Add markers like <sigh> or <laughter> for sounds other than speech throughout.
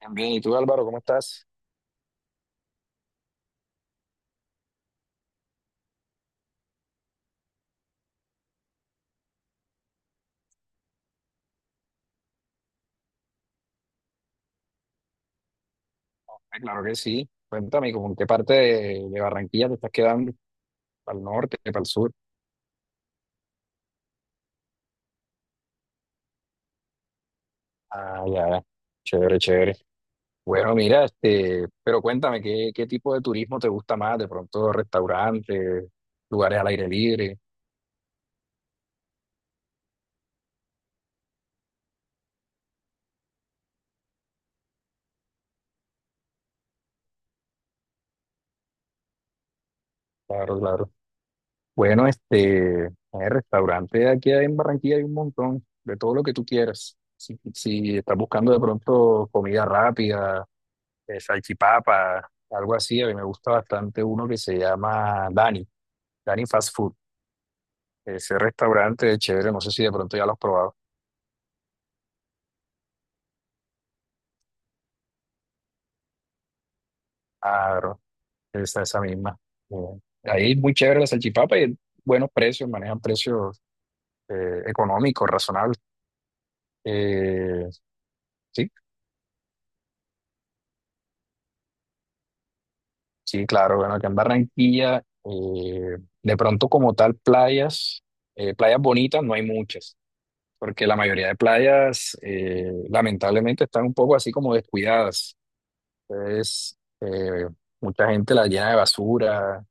Bien, bien. ¿Y tú, Álvaro, cómo estás? Ah, claro que sí. Cuéntame, ¿con qué parte de Barranquilla te estás quedando? ¿Para el norte, para el sur? Ah, ya, ya. Chévere, chévere. Bueno, mira, pero cuéntame, ¿qué tipo de turismo te gusta más? De pronto, restaurantes, lugares al aire libre. Claro, claro. Bueno, el restaurante aquí en Barranquilla hay un montón, de todo lo que tú quieras. Si estás buscando de pronto comida rápida, salchipapa, algo así. A mí me gusta bastante uno que se llama Dani, Dani Fast Food. Ese restaurante es chévere, no sé si de pronto ya lo has probado. Ah, bro, esa misma. Eh, Ahí es muy chévere la salchipapa y buenos precios, manejan precios económicos, razonables. Eh, sí, sí, claro. Bueno, acá en Barranquilla, de pronto como tal playas, playas bonitas no hay muchas porque la mayoría de playas lamentablemente están un poco así como descuidadas. Entonces, mucha gente la llena de basura,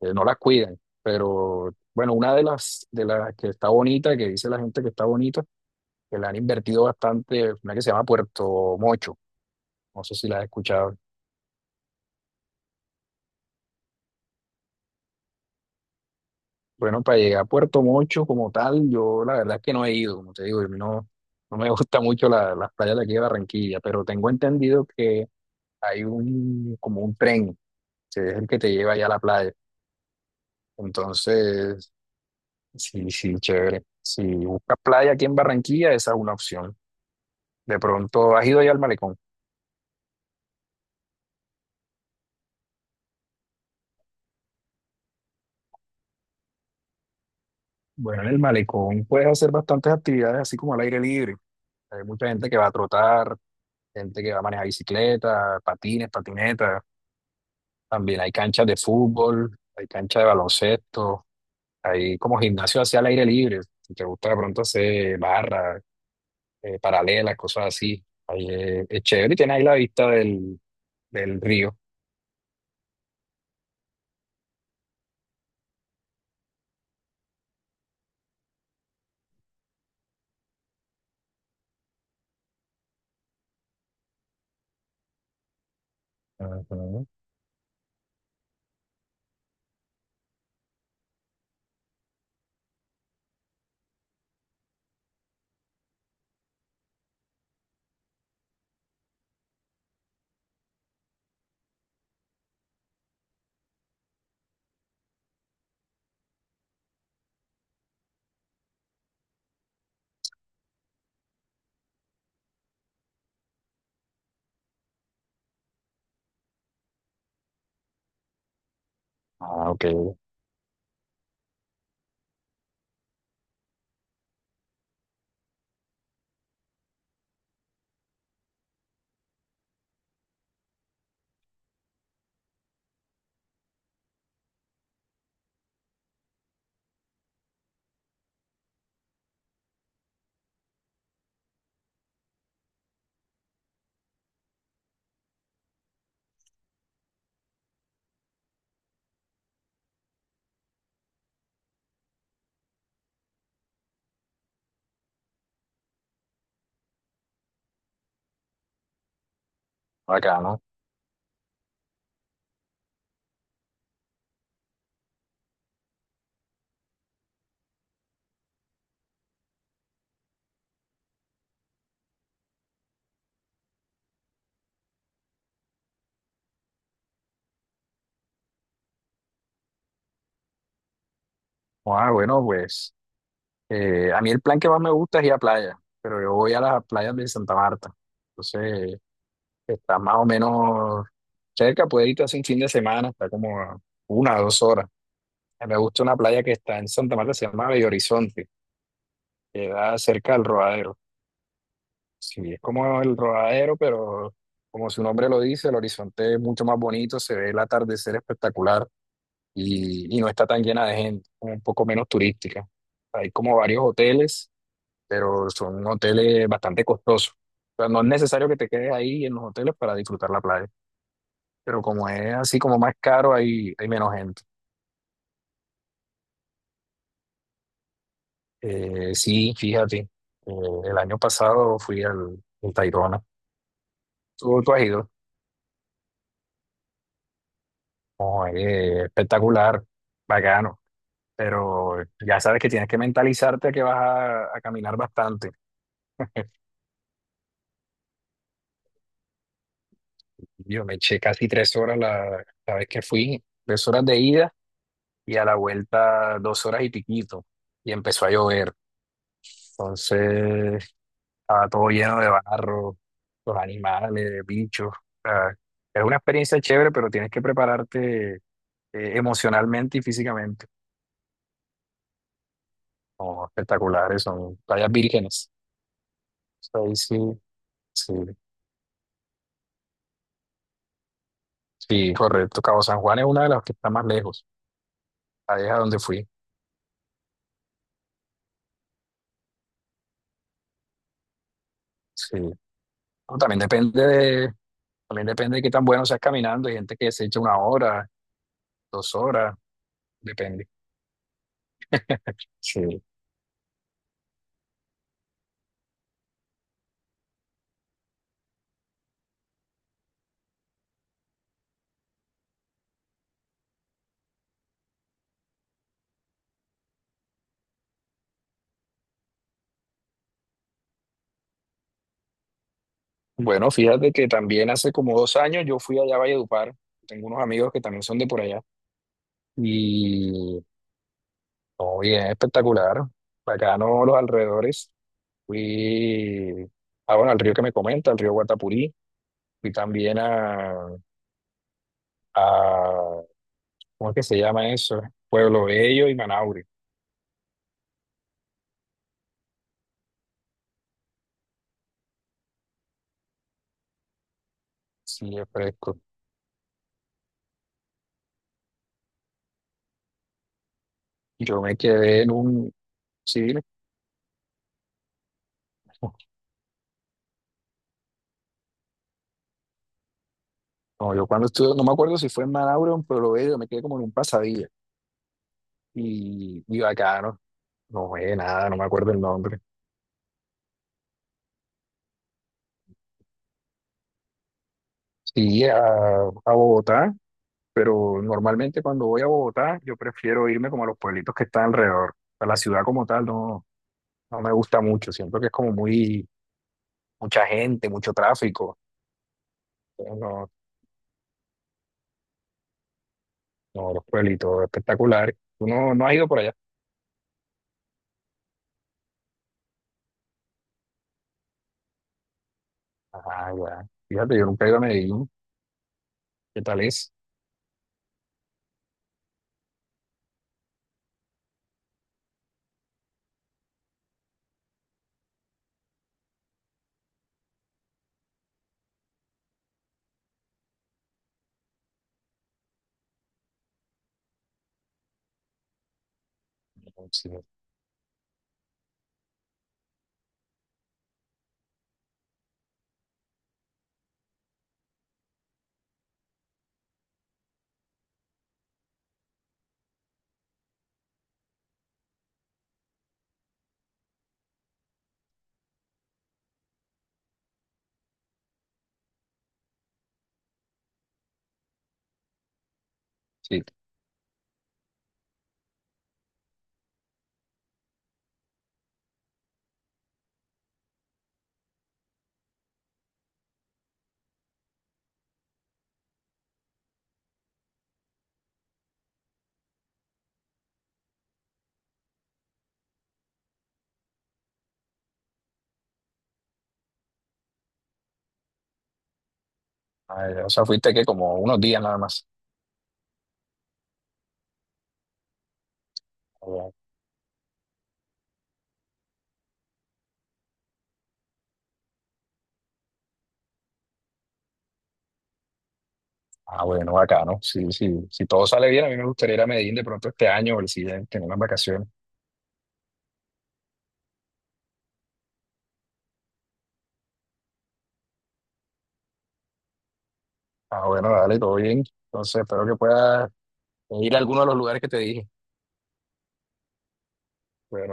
no la cuidan. Pero bueno, una de las que está bonita, que dice la gente que está bonita, que la han invertido bastante, una que se llama Puerto Mocho. No sé si la has escuchado. Bueno, para llegar a Puerto Mocho como tal, yo la verdad es que no he ido, como te digo, a mí no, no me <laughs> gusta mucho las playas de aquí de Barranquilla, pero tengo entendido que hay un, como un tren, que es el que te lleva allá a la playa. Entonces, sí, sí, chévere. Si buscas playa aquí en Barranquilla, esa es una opción. De pronto, ¿has ido ya al malecón? Bueno, en el malecón puedes hacer bastantes actividades así como al aire libre. Hay mucha gente que va a trotar, gente que va a manejar bicicleta, patines, patinetas. También hay canchas de fútbol, hay canchas de baloncesto, hay como gimnasio hacia al aire libre. Si te gusta de pronto hacer barras, paralelas, cosas así. Ahí, es chévere y tienes ahí la vista del, del río. Ujú. Ah, ok, acá, ah, bueno, pues a mí el plan que más me gusta es ir a playa, pero yo voy a las playas de Santa Marta. Entonces, está más o menos cerca, puede irte hace un fin de semana, está como a una o dos horas. Me gusta una playa que está en Santa Marta, se llama Bello Horizonte, queda cerca del Rodadero. Sí, es como el Rodadero, pero como su nombre lo dice, el horizonte es mucho más bonito, se ve el atardecer espectacular y no está tan llena de gente, como un poco menos turística. Hay como varios hoteles, pero son hoteles bastante costosos. O sea, no es necesario que te quedes ahí en los hoteles para disfrutar la playa, pero como es así como más caro, hay menos gente. Sí, fíjate, eh, el año pasado fui al, al Tayrona. ¿Tú, tú has ido? Oh, espectacular, bacano, pero ya sabes que tienes que mentalizarte que vas a caminar bastante. Yo me eché casi 3 horas la, la vez que fui, 3 horas de ida y a la vuelta 2 horas y piquito, y empezó a llover. Entonces estaba todo lleno de barro, los animales, bichos. O sea, es una experiencia chévere, pero tienes que prepararte emocionalmente y físicamente. Son espectaculares, son playas vírgenes. O sea, ahí sí, sí, sí, correcto. Cabo San Juan es una de las que está más lejos. Ahí es a donde fui. Sí. No, también depende de qué tan bueno seas caminando. Hay gente que se echa una hora, 2 horas, depende. Sí. Bueno, fíjate que también hace como 2 años yo fui allá a Valledupar. Tengo unos amigos que también son de por allá. Y no, bien espectacular. Bacano los alrededores. Fui ah, bueno, al río que me comenta, al río Guatapurí. Fui también a ¿cómo es que se llama eso? Pueblo Bello y Manaure. Sí, es fresco. Yo me quedé en un, sí, <laughs> dime. No, yo cuando estuve, no me acuerdo si fue en Manaure o en Pueblo Bello, me quedé como en un pasadilla. Y bacano. No, nada, no me acuerdo el nombre. Sí, a Bogotá, pero normalmente cuando voy a Bogotá, yo prefiero irme como a los pueblitos que están alrededor. A la ciudad como tal no, no me gusta mucho. Siento que es como muy, mucha gente, mucho tráfico. Entonces, no, no, los pueblitos espectaculares. ¿Tú no, no has ido por allá? Ah, ya. Fíjate, yo nunca he ido a Medellín. ¿Qué tal es? No, sí, sí. Ah, ya. O sea, fuiste que como unos días nada más. Ah, bueno, bacano. Sí, sí. Si todo sale bien, a mí me gustaría ir a Medellín de pronto este año o el siguiente, en unas vacaciones. Ah, bueno, dale, todo bien. Entonces, espero que puedas ir a alguno de los lugares que te dije. Bueno,